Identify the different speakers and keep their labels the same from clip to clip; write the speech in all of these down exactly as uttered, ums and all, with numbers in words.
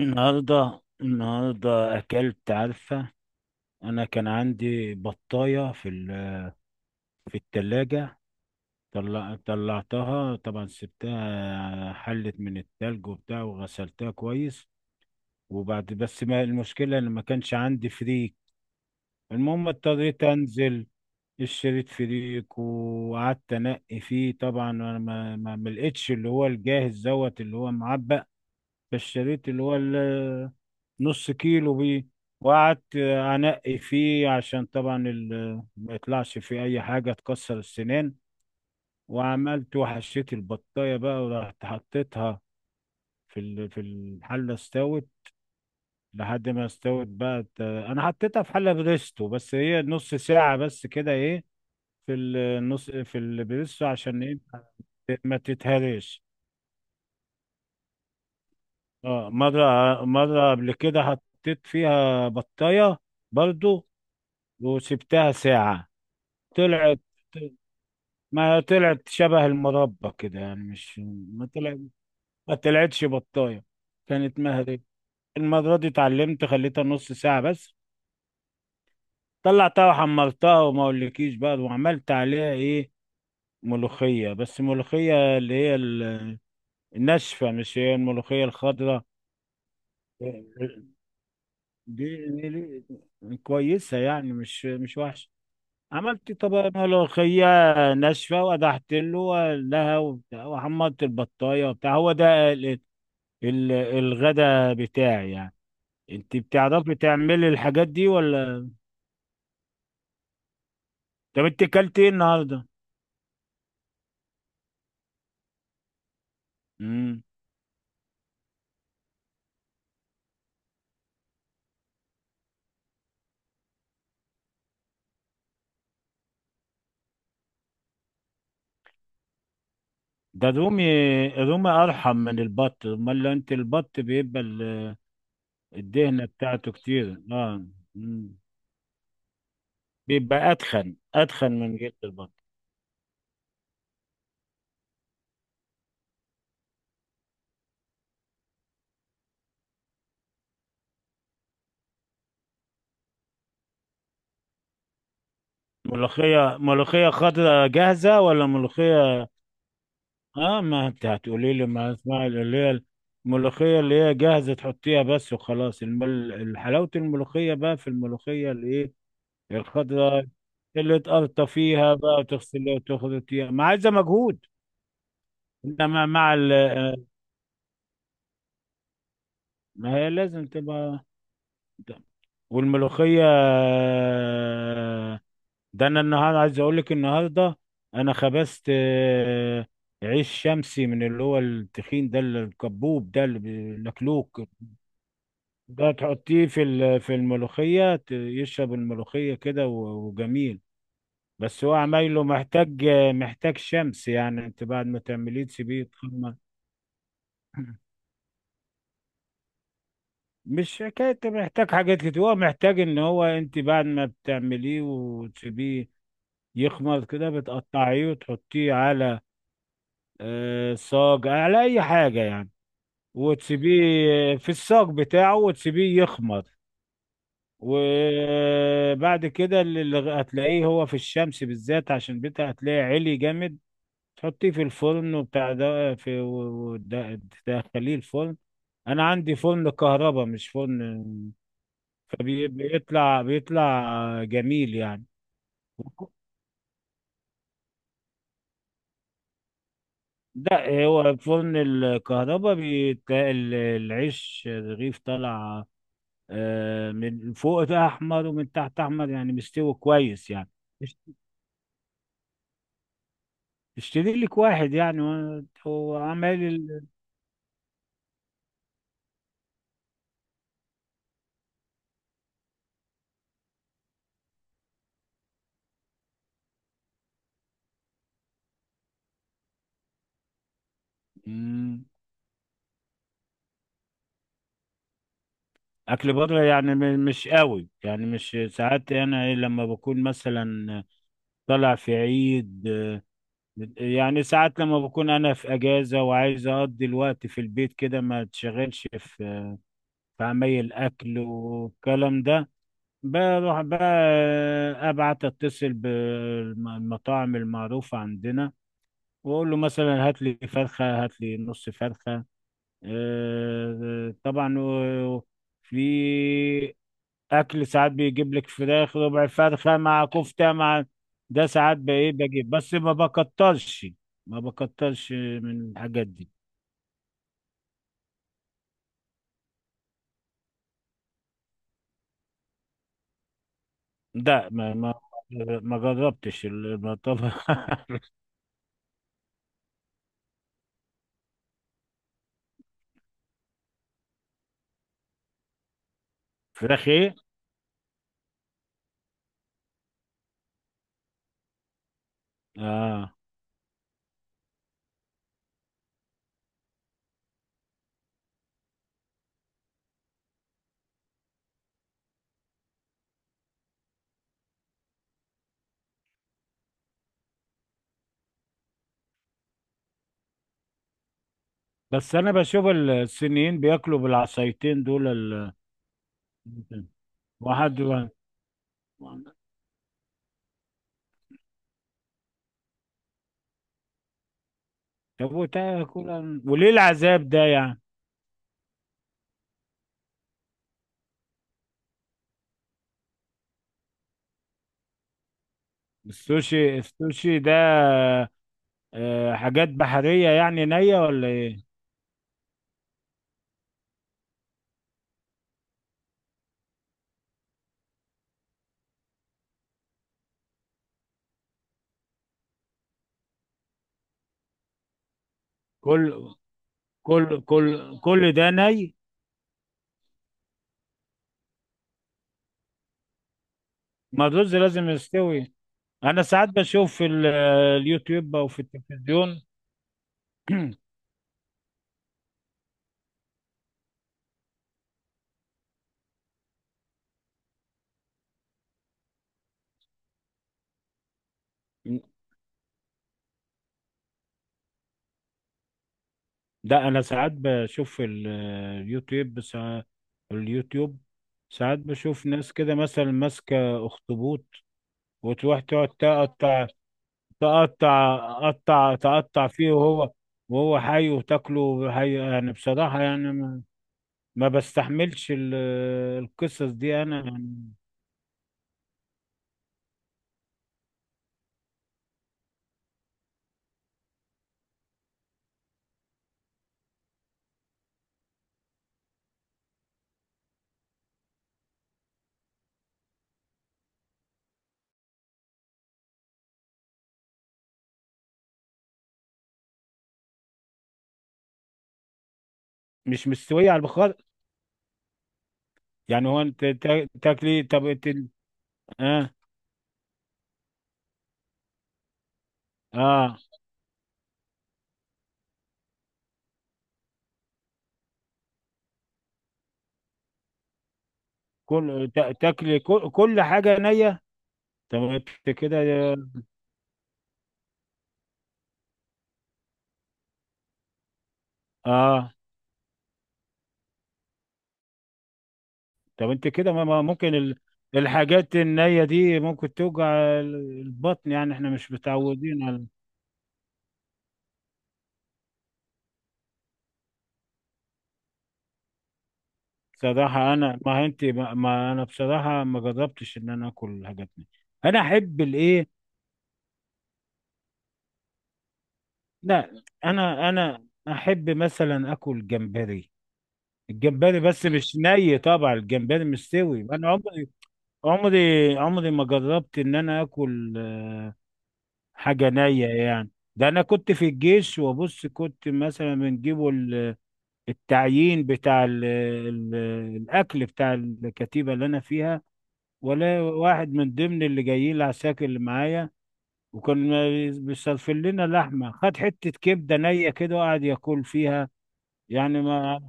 Speaker 1: النهارده النهارده اكلت عارفه، انا كان عندي بطايه في ال- في التلاجة. طلع طلعتها طبعا، سبتها حلت من التلج وبتاع، وغسلتها كويس. وبعد بس ما المشكله ان ما كانش عندي فريك. المهم اضطريت انزل، اشتريت فريك وقعدت انقي فيه. طبعا انا ما ما ما لقيتش اللي هو الجاهز دوت، اللي هو معبأ. فاشتريت اللي هو نص كيلو بيه. وقعدت آه، انقي فيه، عشان طبعا ال- ما يطلعش فيه اي حاجه تكسر السنان. وعملت وحشيت البطايه بقى، ورحت حطيتها في ال- في الحله. استوت لحد ما استوت بقى، ت- انا حطيتها في حله بريستو، بس هي نص ساعه بس كده. ايه في النص في البريستو؟ عشان ايه؟ ما تتهريش. اه، مرة مرة قبل كده حطيت فيها بطاية برضو وسبتها ساعة. طلعت، ما طلعت شبه المربى كده يعني، مش ما طلعت، ما طلعتش بطاية، كانت مهرية. المرة دي اتعلمت، خليتها نص ساعة بس. طلعتها وحمرتها، وما اقولكيش بقى وعملت عليها ايه؟ ملوخية، بس ملوخية اللي هي ال- الناشفة، مش هي الملوخية الخضراء. دي دي- دي كويسة يعني، مش مش وحشة. عملت طبقة ملوخية ناشفة وقدحت له لها وبتاع، وحمرت البطاية وبتاع. هو ده ال- ال- الغدا بتاعي يعني. انت بتعرفي تعملي الحاجات دي ولا؟ طب انت كلتي ايه النهارده؟ امم. ده الرومي الرومي ارحم من البط. امال لو انت البط بيبقى ال- الدهنة بتاعته كتير، اه. مم. بيبقى اتخن اتخن من جلد البط. ملوخية ملوخية خضراء جاهزة ولا ملوخية؟ اه، ما انت هتقولي لي ما اسمع. اللي هي الملوخيه اللي هي جاهزه تحطيها بس وخلاص. الم- حلاوه الملوخيه بقى في الملوخيه اللي ايه؟ الخضراء، اللي تقرطفيها فيها بقى وتغسليها وتخلطيها، ما عايزه مجهود. انما مع ال آه، ما هي لازم تبقى. والملوخيه آه، ده انا النهارده عايز اقول لك، النهارده انا خبزت آه، عيش شمسي من اللي هو التخين ده، اللي- الكبوب ده اللي بناكلوه. ده تحطيه في ال- في الملوخية، ت- يشرب الملوخية كده و- وجميل. بس هو عمايله محتاج محتاج شمس يعني. انت بعد ما تعمليه تسيبيه يتخمر. مش حكاية محتاج حاجات كتير، هو محتاج ان هو انت بعد ما بتعمليه وتسيبيه يخمر كده بتقطعيه وتحطيه على آه، صاج، على اي حاجة يعني، وتسيبيه في الصاج بتاعه وتسيبيه يخمر. وبعد كده اللي اللي هتلاقيه، هو في الشمس بالذات عشان بيتها، هتلاقيه عالي جامد. تحطيه في الفرن وبتاع ده، في و- و- ده- تدخليه الفرن. انا عندي فرن كهرباء، مش فرن. فبيطلع، بيطلع جميل يعني. ده هو فرن الكهرباء، بيتلاقي ال- العيش الرغيف طالع آه، من فوق ده احمر ومن تحت احمر يعني، مستوي كويس يعني. اشتري لك واحد يعني و- وعمال ال... مم. اكل بره يعني، م- مش قوي يعني، مش ساعات. انا إيه لما بكون مثلا طالع في عيد، يعني ساعات لما بكون انا في اجازه وعايز اقضي الوقت في البيت كده، ما تشغلش في في عمايل اكل والكلام ده. بروح بقى، ابعت اتصل بالمطاعم المعروفه عندنا، واقول له مثلا هات لي فرخه، هات لي نص فرخه آه، طبعا. و- في اكل ساعات بيجيب لك فراخ، ربع فرخه مع كفته مع، ده ساعات بايه بجيب بس ما بكترش ما بكترش من الحاجات دي. ده ما ما ما جربتش المطبخ فراخ ايه؟ اه. بس انا بشوف الصينيين بياكلوا بالعصايتين دول ال... واحد و- طب وتاكل وليه العذاب ده يعني؟ السوشي السوشي ده آه، حاجات بحرية يعني، نية ولا ايه؟ كل كل كل كل ده ني؟ ما الرز لازم يستوي. انا ساعات بشوف في ال- اليوتيوب او في التلفزيون. ده انا ساعات بشوف في ال- اليوتيوب، ساعات اليوتيوب، ساعات بشوف ناس كده مثلا ماسكة اخطبوط، وتروح تقعد تقطع، تقطع قطع تقطع فيه، وهو وهو حي، وتاكله حي يعني بصراحة يعني. ما بستحملش ال- القصص دي انا يعني. مش مستويه على البخار يعني، هو انت تا- تاكلي؟ طب إنت- اه، اه. كل تا- تاكلي كل كل حاجه نيه؟ طب انت كده، اه. طب انت كده ما- ما ممكن ال- الحاجات النيه دي ممكن توجع ال- البطن يعني، احنا مش متعودين على. بصراحه انا ما انت ما, ما انا بصراحه ما جربتش ان انا اكل حاجات نيه. انا احب الايه. لا، انا انا احب مثلا اكل جمبري. الجمبري بس مش ني طبعا، الجمبري مش سوي. انا عمري عمري عمري ما جربت ان انا اكل حاجه نيه يعني. ده انا كنت في الجيش وبص، كنت مثلا بنجيبوا ال- التعيين بتاع ال ال الاكل بتاع الكتيبه اللي انا فيها. ولا واحد من ضمن اللي جايين العساكر اللي معايا، وكان بيصرف لنا لحمه، خد حته كبده نيه كده وقعد ياكل فيها. يعني ما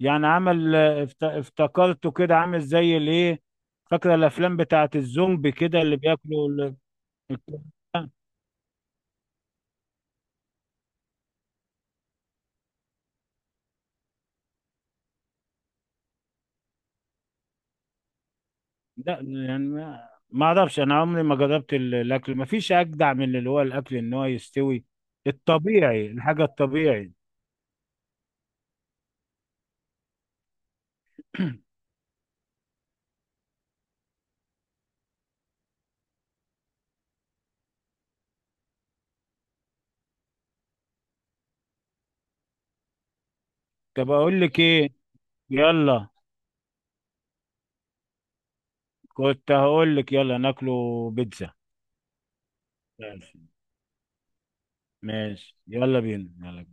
Speaker 1: يعني عمل، افت- افتكرته كده عامل زي الايه، فاكره الافلام بتاعت الزومبي كده اللي بياكلوا ال- الك- لا يعني، ما ما اعرفش. انا عمري ما جربت ال- الاكل. ما فيش اجدع من اللي هو الاكل ان هو يستوي الطبيعي، الحاجه الطبيعي. طب اقول لك ايه؟ يلا. كنت هقول لك يلا ناكله بيتزا. ماشي، ماشي، يلا بينا، يلا.